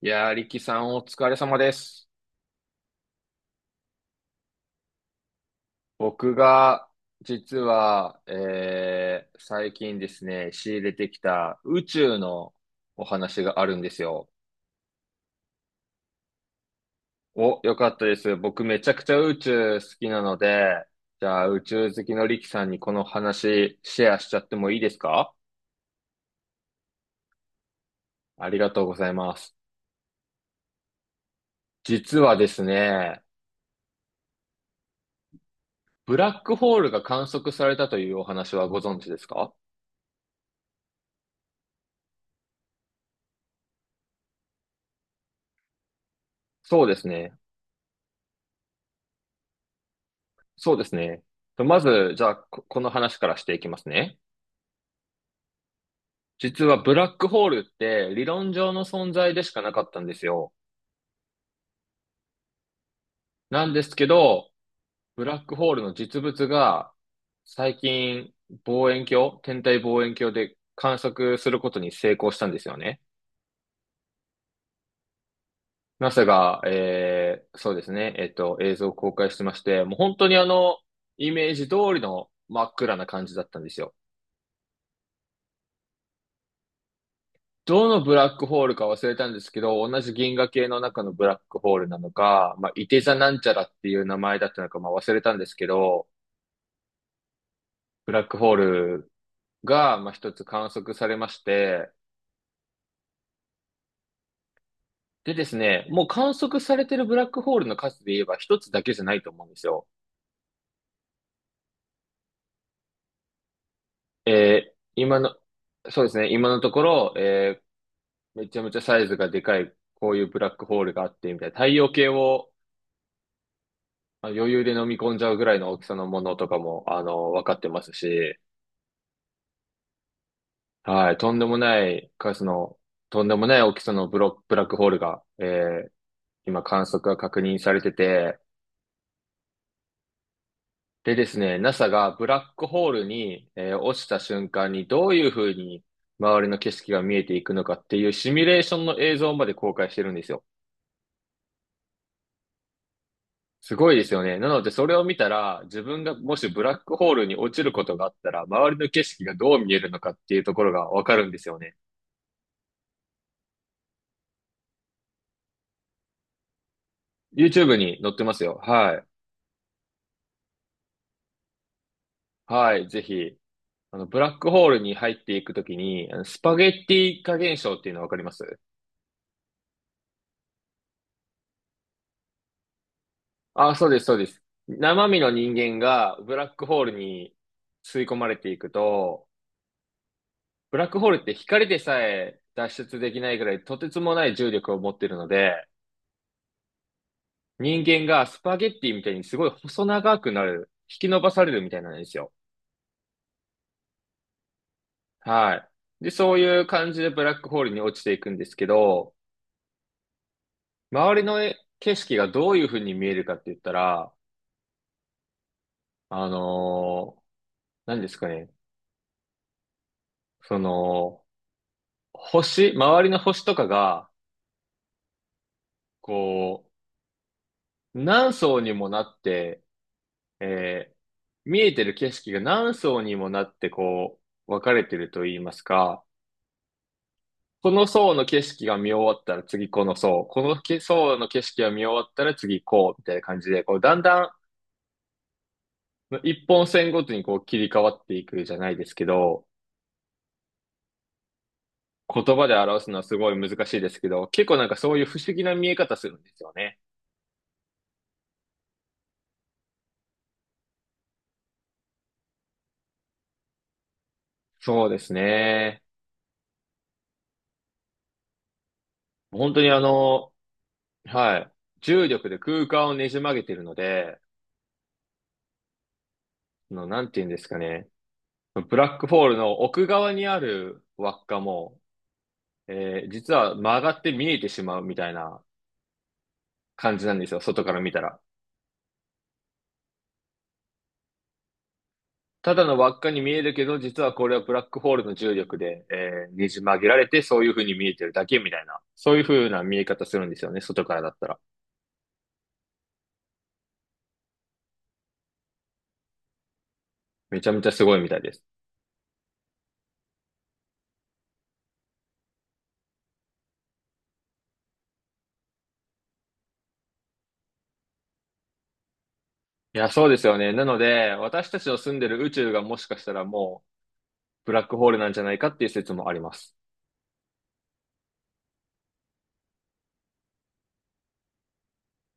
いやー、力さんお疲れ様です。僕が、実は、最近ですね、仕入れてきた宇宙のお話があるんですよ。お、よかったです。僕めちゃくちゃ宇宙好きなので、じゃあ宇宙好きの力さんにこの話シェアしちゃってもいいですか？ありがとうございます。実はですね、ブラックホールが観測されたというお話はご存知ですか？そうですね。そうですね。とまず、じゃあ、ここの話からしていきますね。実はブラックホールって理論上の存在でしかなかったんですよ。なんですけど、ブラックホールの実物が最近望遠鏡、天体望遠鏡で観測することに成功したんですよね。NASA が、そうですね、映像を公開してまして、もう本当にあの、イメージ通りの真っ暗な感じだったんですよ。どのブラックホールか忘れたんですけど、同じ銀河系の中のブラックホールなのか、まあ、いて座なんちゃらっていう名前だったのか、まあ、忘れたんですけど、ブラックホールが、まあ、一つ観測されまして、でですね、もう観測されてるブラックホールの数で言えば一つだけじゃないと思うんですよ。えー今の、そうですね、今のところ、めちゃめちゃサイズがでかい、こういうブラックホールがあって、みたいな、太陽系をまあ余裕で飲み込んじゃうぐらいの大きさのものとかも、あの、分かってますし、はい、とんでもない数の、とんでもない大きさのブラックホールが、ー今観測が確認されてて、でですね、NASA がブラックホールに、落ちた瞬間にどういうふうに周りの景色が見えていくのかっていうシミュレーションの映像まで公開してるんですよ。すごいですよね。なのでそれを見たら、自分がもしブラックホールに落ちることがあったら、周りの景色がどう見えるのかっていうところがわかるんですよね。YouTube に載ってますよ。はい。はい、ぜひ。あの、ブラックホールに入っていくときに、あのスパゲッティ化現象っていうのわかります？あ、そうです、そうです。生身の人間がブラックホールに吸い込まれていくと、ブラックホールって光でさえ脱出できないぐらいとてつもない重力を持っているので、人間がスパゲッティみたいにすごい細長くなる、引き伸ばされるみたいなんですよ。はい。で、そういう感じでブラックホールに落ちていくんですけど、周りの景色がどういう風に見えるかって言ったら、あのー何ですかね。その、星、周りの星とかが、こう、何層にもなって、えー見えてる景色が何層にもなって、こう、分かれてると言いますか、この層の景色が見終わったら次この層、このけ層の景色が見終わったら次こう、みたいな感じで、こう、だんだん一本線ごとにこう切り替わっていくじゃないですけど、言葉で表すのはすごい難しいですけど、結構なんかそういう不思議な見え方するんですよね。そうですね。本当にあの、はい。重力で空間をねじ曲げてるので、あの、なんて言うんですかね。ブラックホールの奥側にある輪っかも、実は曲がって見えてしまうみたいな感じなんですよ。外から見たら。ただの輪っかに見えるけど、実はこれはブラックホールの重力で、ねじ曲げられて、そういう風に見えてるだけみたいな。そういう風な見え方するんですよね。外からだったら。めちゃめちゃすごいみたいです。いや、そうですよね。なので、私たちの住んでる宇宙がもしかしたらもう、ブラックホールなんじゃないかっていう説もあります。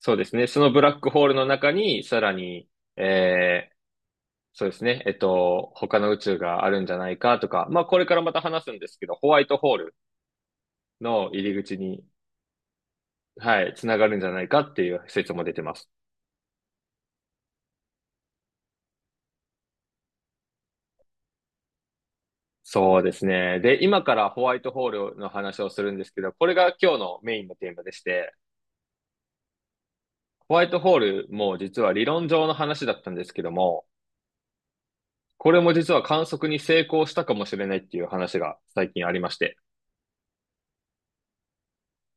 そうですね。そのブラックホールの中に、さらに、えー、そうですね。他の宇宙があるんじゃないかとか、まあ、これからまた話すんですけど、ホワイトホールの入り口に、はい、つながるんじゃないかっていう説も出てます。そうですね。で、今からホワイトホールの話をするんですけど、これが今日のメインのテーマでして、ホワイトホールも実は理論上の話だったんですけども、これも実は観測に成功したかもしれないっていう話が最近ありまして、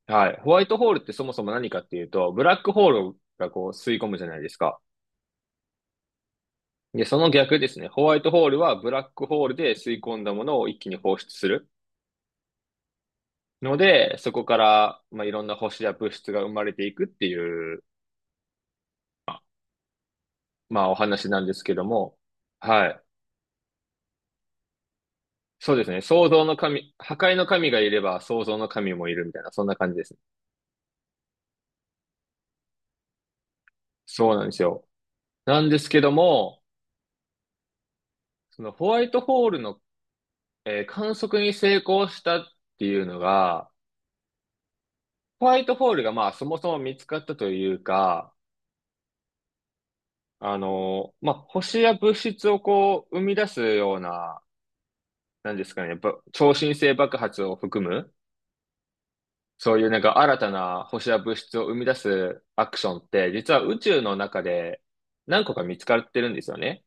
はい。ホワイトホールってそもそも何かっていうと、ブラックホールがこう吸い込むじゃないですか。で、その逆ですね。ホワイトホールはブラックホールで吸い込んだものを一気に放出する。ので、そこから、まあ、いろんな星や物質が生まれていくっていう、まあ、お話なんですけども。はい。そうですね。創造の神、破壊の神がいれば創造の神もいるみたいな、そんな感じですね。そうなんですよ。なんですけども、そのホワイトホールの、観測に成功したっていうのが、ホワイトホールがまあそもそも見つかったというか、あの、まあ星や物質をこう生み出すような、なんですかね、やっぱ超新星爆発を含む、そういうなんか新たな星や物質を生み出すアクションって、実は宇宙の中で何個か見つかってるんですよね。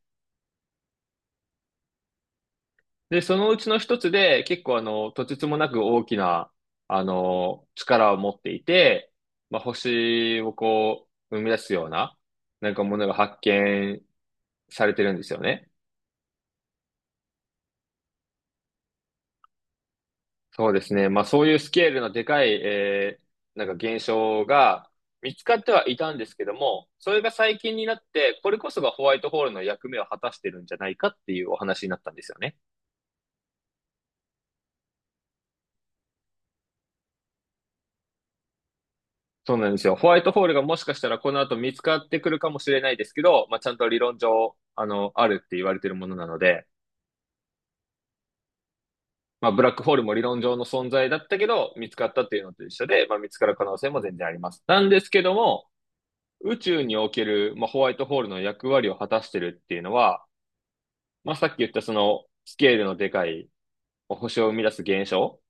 で、そのうちの一つで、結構あの、とてつもなく大きな、あの、力を持っていて、まあ、星をこう、生み出すような、なんかものが発見されてるんですよね。そうですね。まあ、そういうスケールのでかい、なんか現象が見つかってはいたんですけども、それが最近になって、これこそがホワイトホールの役目を果たしてるんじゃないかっていうお話になったんですよね。そうなんですよ。ホワイトホールがもしかしたらこの後見つかってくるかもしれないですけど、まあ、ちゃんと理論上、あの、あるって言われてるものなので、まあ、ブラックホールも理論上の存在だったけど、見つかったっていうのと一緒で、まあ、見つかる可能性も全然あります。なんですけども、宇宙における、まあ、ホワイトホールの役割を果たしてるっていうのは、まあ、さっき言ったそのスケールのでかい星を生み出す現象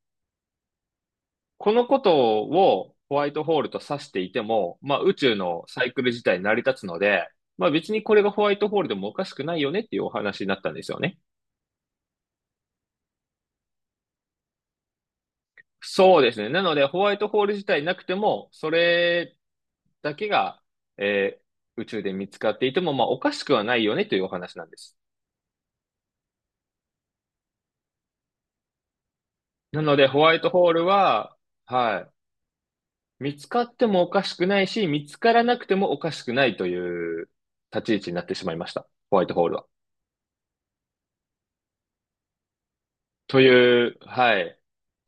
このことをホワイトホールと指していても、まあ宇宙のサイクル自体成り立つので、まあ別にこれがホワイトホールでもおかしくないよねっていうお話になったんですよね。そうですね。なのでホワイトホール自体なくても、それだけが、えー宇宙で見つかっていても、まあおかしくはないよねというお話なんです。なのでホワイトホールは、はい、見つかってもおかしくないし、見つからなくてもおかしくないという立ち位置になってしまいました。ホワイトホールは。という、はい。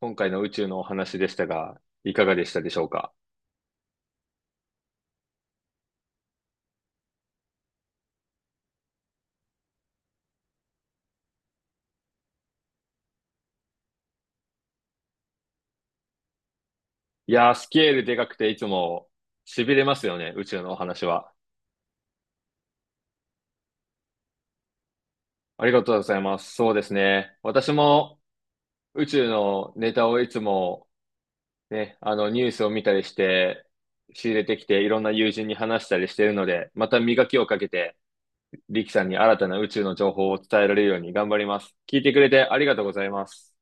今回の宇宙のお話でしたが、いかがでしたでしょうか？いやー、スケールでかくていつも痺れますよね、宇宙のお話は。ありがとうございます。そうですね。私も宇宙のネタをいつもね、あのニュースを見たりして、仕入れてきていろんな友人に話したりしているので、また磨きをかけて、リキさんに新たな宇宙の情報を伝えられるように頑張ります。聞いてくれてありがとうございます。